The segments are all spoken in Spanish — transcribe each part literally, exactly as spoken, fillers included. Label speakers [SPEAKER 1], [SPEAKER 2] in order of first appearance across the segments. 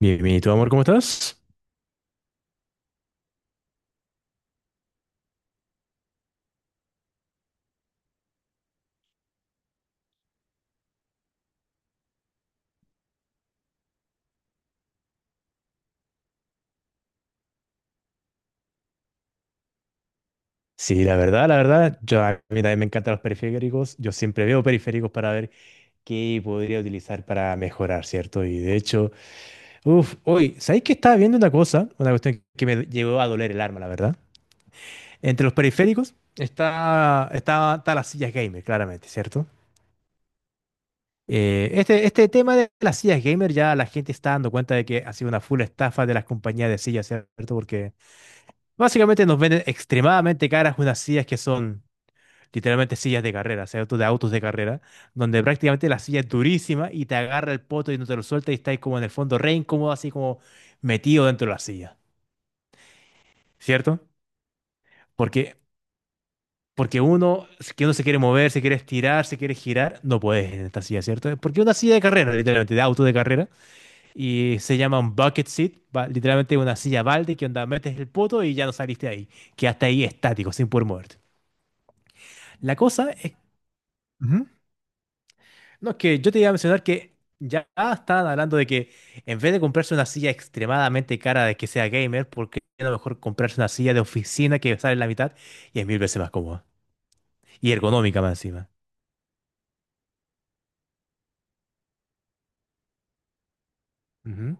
[SPEAKER 1] Bien, bien, ¿y tú, amor, cómo estás? Sí, la verdad, la verdad, yo a mí también me encantan los periféricos. Yo siempre veo periféricos para ver qué podría utilizar para mejorar, ¿cierto? Y de hecho, uff, hoy, ¿sabéis que estaba viendo una cosa? Una cuestión que me llegó a doler el alma, la verdad. Entre los periféricos está, está, está las sillas gamer, claramente, ¿cierto? Eh, este, este tema de las sillas gamer ya la gente está dando cuenta de que ha sido una full estafa de las compañías de sillas, ¿cierto? Porque básicamente nos venden extremadamente caras unas sillas que son literalmente sillas de carrera, o sea, autos de autos de carrera, donde prácticamente la silla es durísima y te agarra el poto y no te lo suelta y estáis como en el fondo re incómodo, así como metido dentro de la silla, ¿cierto? Porque, porque uno, si que uno se quiere mover, se quiere estirar, se quiere girar, no puedes en esta silla, ¿cierto? Porque es una silla de carrera, literalmente, de auto de carrera, y se llama un bucket seat, ba- literalmente una silla balde que onda metes el poto y ya no saliste de ahí, que hasta ahí estático, sin poder moverte. La cosa es. Ujú. No, es que yo te iba a mencionar que ya estaban hablando de que en vez de comprarse una silla extremadamente cara de que sea gamer, porque a lo mejor comprarse una silla de oficina que sale la mitad y es mil veces más cómoda y ergonómica más encima. Ujú.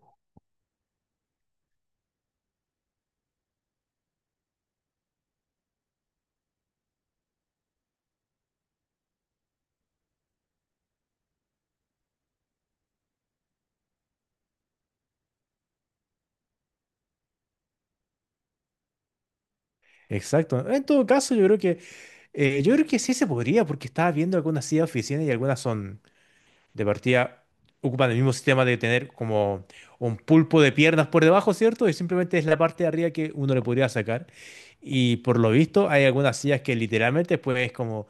[SPEAKER 1] Exacto. En todo caso, yo creo que eh, yo creo que sí se podría, porque estaba viendo algunas sillas de oficina y algunas son de partida ocupan el mismo sistema de tener como un pulpo de piernas por debajo, ¿cierto? Y simplemente es la parte de arriba que uno le podría sacar. Y por lo visto hay algunas sillas que literalmente puedes como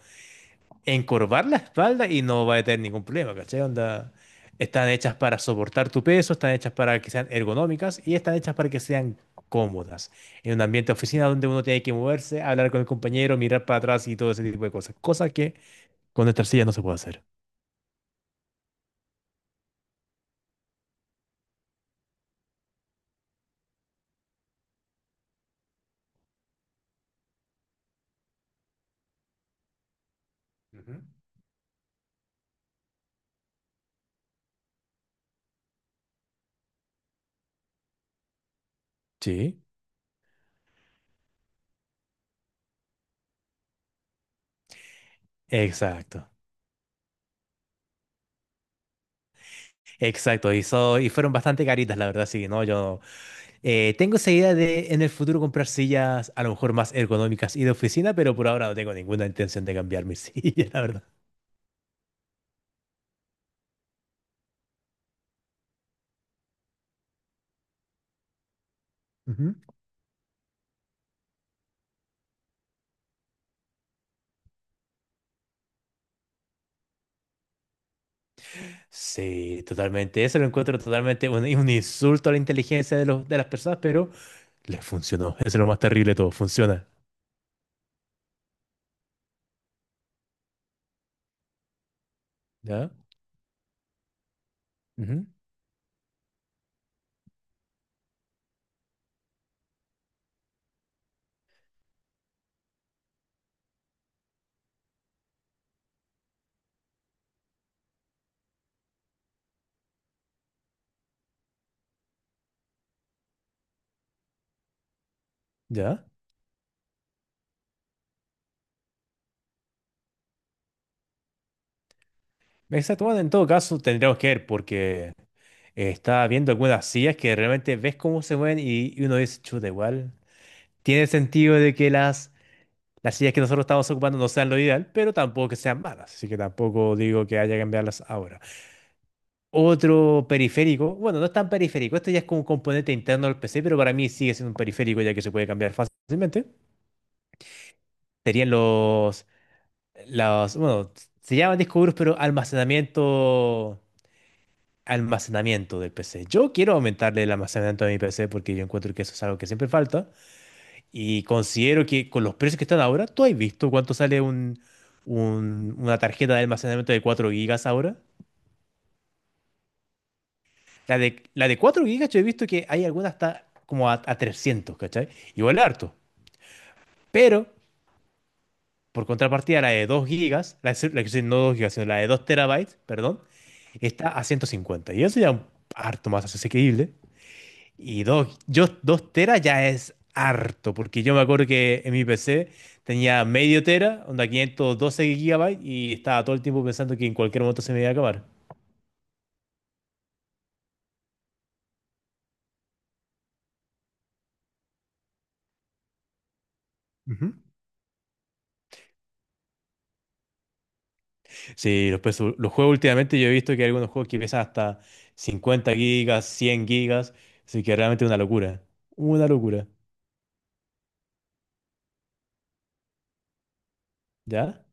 [SPEAKER 1] encorvar la espalda y no va a tener ningún problema, ¿cachai? Onda, están hechas para soportar tu peso, están hechas para que sean ergonómicas y están hechas para que sean cómodas. En un ambiente de oficina donde uno tiene que moverse, hablar con el compañero, mirar para atrás y todo ese tipo de cosas. Cosa que con nuestras sillas no se puede hacer. Ujú. Sí. Exacto, exacto. Y, so- y fueron bastante caritas, la verdad, sí, ¿no? Yo eh, tengo esa idea de en el futuro comprar sillas a lo mejor más ergonómicas y de oficina, pero por ahora no tengo ninguna intención de cambiar mi silla, la verdad. Ujú. Sí, totalmente. Eso lo encuentro totalmente un, un insulto a la inteligencia de, los, de las personas, pero les funcionó. Eso es lo más terrible de todo, funciona. ¿Ya? Ujú. ¿Ya? Exacto. Bueno, en todo caso, tendríamos que ver porque eh, está viendo algunas sillas que realmente ves cómo se mueven y, y uno dice, chuta, igual. Tiene sentido de que las, las sillas que nosotros estamos ocupando no sean lo ideal, pero tampoco que sean malas, así que tampoco digo que haya que cambiarlas ahora. Otro periférico, bueno, no es tan periférico, este ya es como un componente interno del P C, pero para mí sigue siendo un periférico ya que se puede cambiar fácilmente. Serían los, los, bueno, se llaman discos duros, pero almacenamiento, almacenamiento del P C. Yo quiero aumentarle el almacenamiento de mi P C porque yo encuentro que eso es algo que siempre falta. Y considero que con los precios que están ahora, ¿tú has visto cuánto sale un, un- una tarjeta de almacenamiento de cuatro gigas ahora? La de, la de cuatro gigas yo he visto que hay algunas hasta como a, a trescientos, ¿cachai? Igual es harto. Pero, por contrapartida, la de dos gigas, la, de- la que no dos gigas, sino la de dos terabytes, perdón, está a ciento cincuenta. Y eso ya es harto más asequible. Y dos, yo, dos teras ya es harto, porque yo me acuerdo que en mi P C tenía medio tera, onda quinientos doce gigabytes, y estaba todo el tiempo pensando que en cualquier momento se me iba a acabar. Ujú. Sí, los, pesos- los juegos últimamente yo he visto que hay algunos juegos que pesan hasta cincuenta gigas, cien gigas, así que realmente es una locura. Una locura. ¿Ya?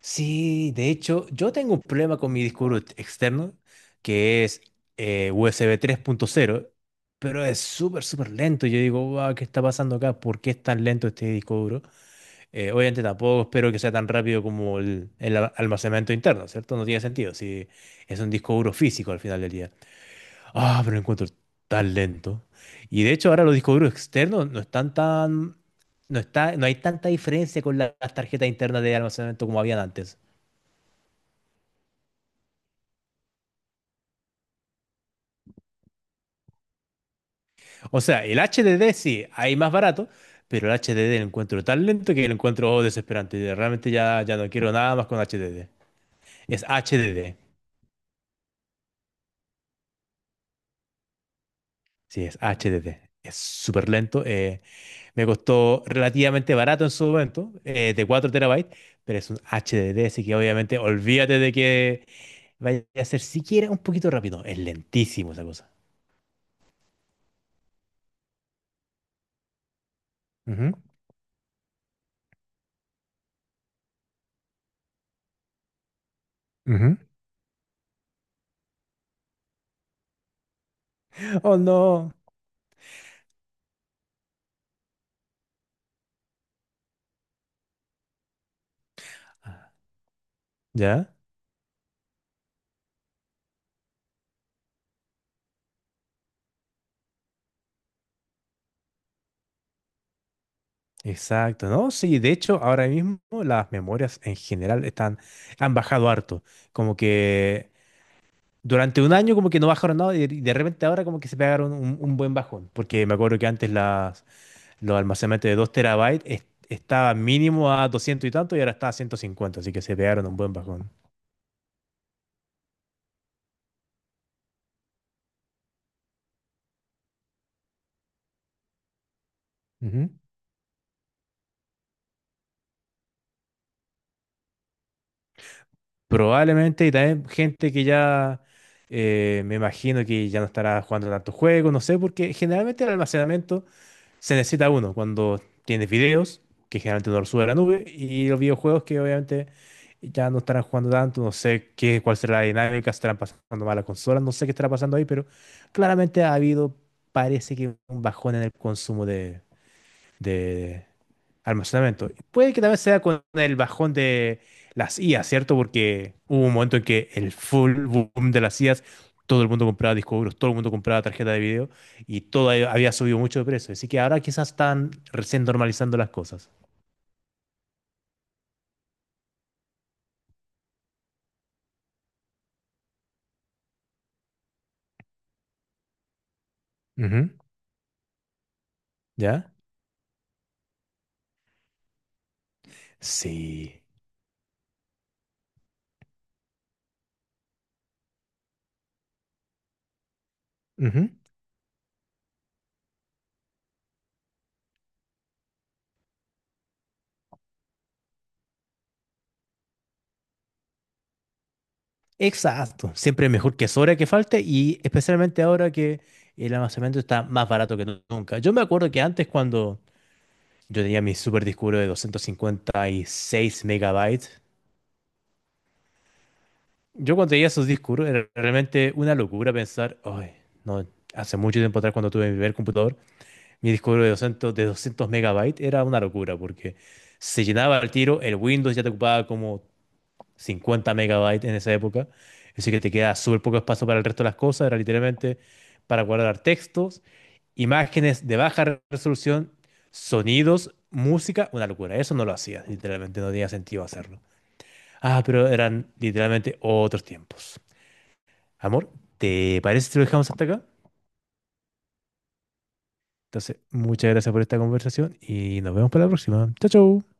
[SPEAKER 1] Sí, de hecho, yo tengo un problema con mi disco duro externo, que es eh, U S B tres punto cero, pero es súper, súper lento. Y yo digo, wow, ¿qué está pasando acá? ¿Por qué es tan lento este disco duro? Eh, obviamente tampoco espero que sea tan rápido como el, el a- almacenamiento interno, ¿cierto? No tiene sentido si es un disco duro físico al final del día. Ah, pero lo encuentro tan lento. Y de hecho ahora los discos duros externos no están tan. No está, no hay tanta diferencia con la- las tarjetas internas de almacenamiento como habían antes. O sea, el H D D sí, hay más barato, pero el H D D lo encuentro tan lento que lo encuentro desesperante. Y realmente ya, ya no quiero nada más con H D D. Es H D D. Sí, es H D D. Es súper lento. Eh, me costó relativamente barato en su momento, eh, de cuatro terabytes, pero es un H D D, así que obviamente olvídate de que vaya a ser siquiera un poquito rápido. Es lentísimo esa cosa. Ujú, ujú. Ujú. Oh, no. ¿Ya? Exacto, ¿no? Sí, de hecho, ahora mismo las memorias en general están, han bajado harto. Como que durante un año como que no bajaron nada y de, y de repente ahora como que se pegaron un, un buen bajón. Porque me acuerdo que antes las, los almacenamientos de dos terabytes es- estaba mínimo a doscientos y tanto y ahora está a ciento cincuenta, así que se pegaron un buen bajón. Ujú. Probablemente, y también gente que ya eh, me imagino que ya no estará jugando tantos juegos, no sé, porque generalmente el almacenamiento se necesita uno cuando tienes videos, que generalmente uno los sube a la nube, y los videojuegos que obviamente ya no estarán jugando tanto, no sé qué, cuál será la dinámica, estarán pasando mal las consolas, no sé qué estará pasando ahí, pero claramente ha habido, parece que un bajón en el consumo de, de, almacenamiento. Puede que también sea con el bajón de las I As, ¿cierto? Porque hubo un momento en que el full boom de las I As, todo el mundo compraba discos duros, todo el mundo compraba tarjeta de video y todo ahí había subido mucho de precio. Así que ahora quizás están recién normalizando las cosas. Ujú. ¿Ya? Sí. Ujú. Exacto. Siempre es mejor que sobra que falte y especialmente ahora que el almacenamiento está más barato que nunca. Yo me acuerdo que antes cuando yo tenía mi super disco duro de doscientos cincuenta y seis megabytes. Yo cuando tenía esos discos duros, era realmente una locura pensar, ay, no, hace mucho tiempo atrás cuando tuve mi primer computador, mi disco duro de doscientos, de doscientos megabytes era una locura porque se llenaba al tiro, el Windows ya te ocupaba como cincuenta megabytes en esa época, así que te queda súper poco espacio para el resto de las cosas, era literalmente para guardar textos, imágenes de baja resolución, sonidos, música, una locura. Eso no lo hacía, literalmente no tenía sentido hacerlo. Ah, pero eran literalmente otros tiempos. Amor, ¿te parece si lo dejamos hasta acá? Entonces, muchas gracias por esta conversación y nos vemos para la próxima. Chao, chao.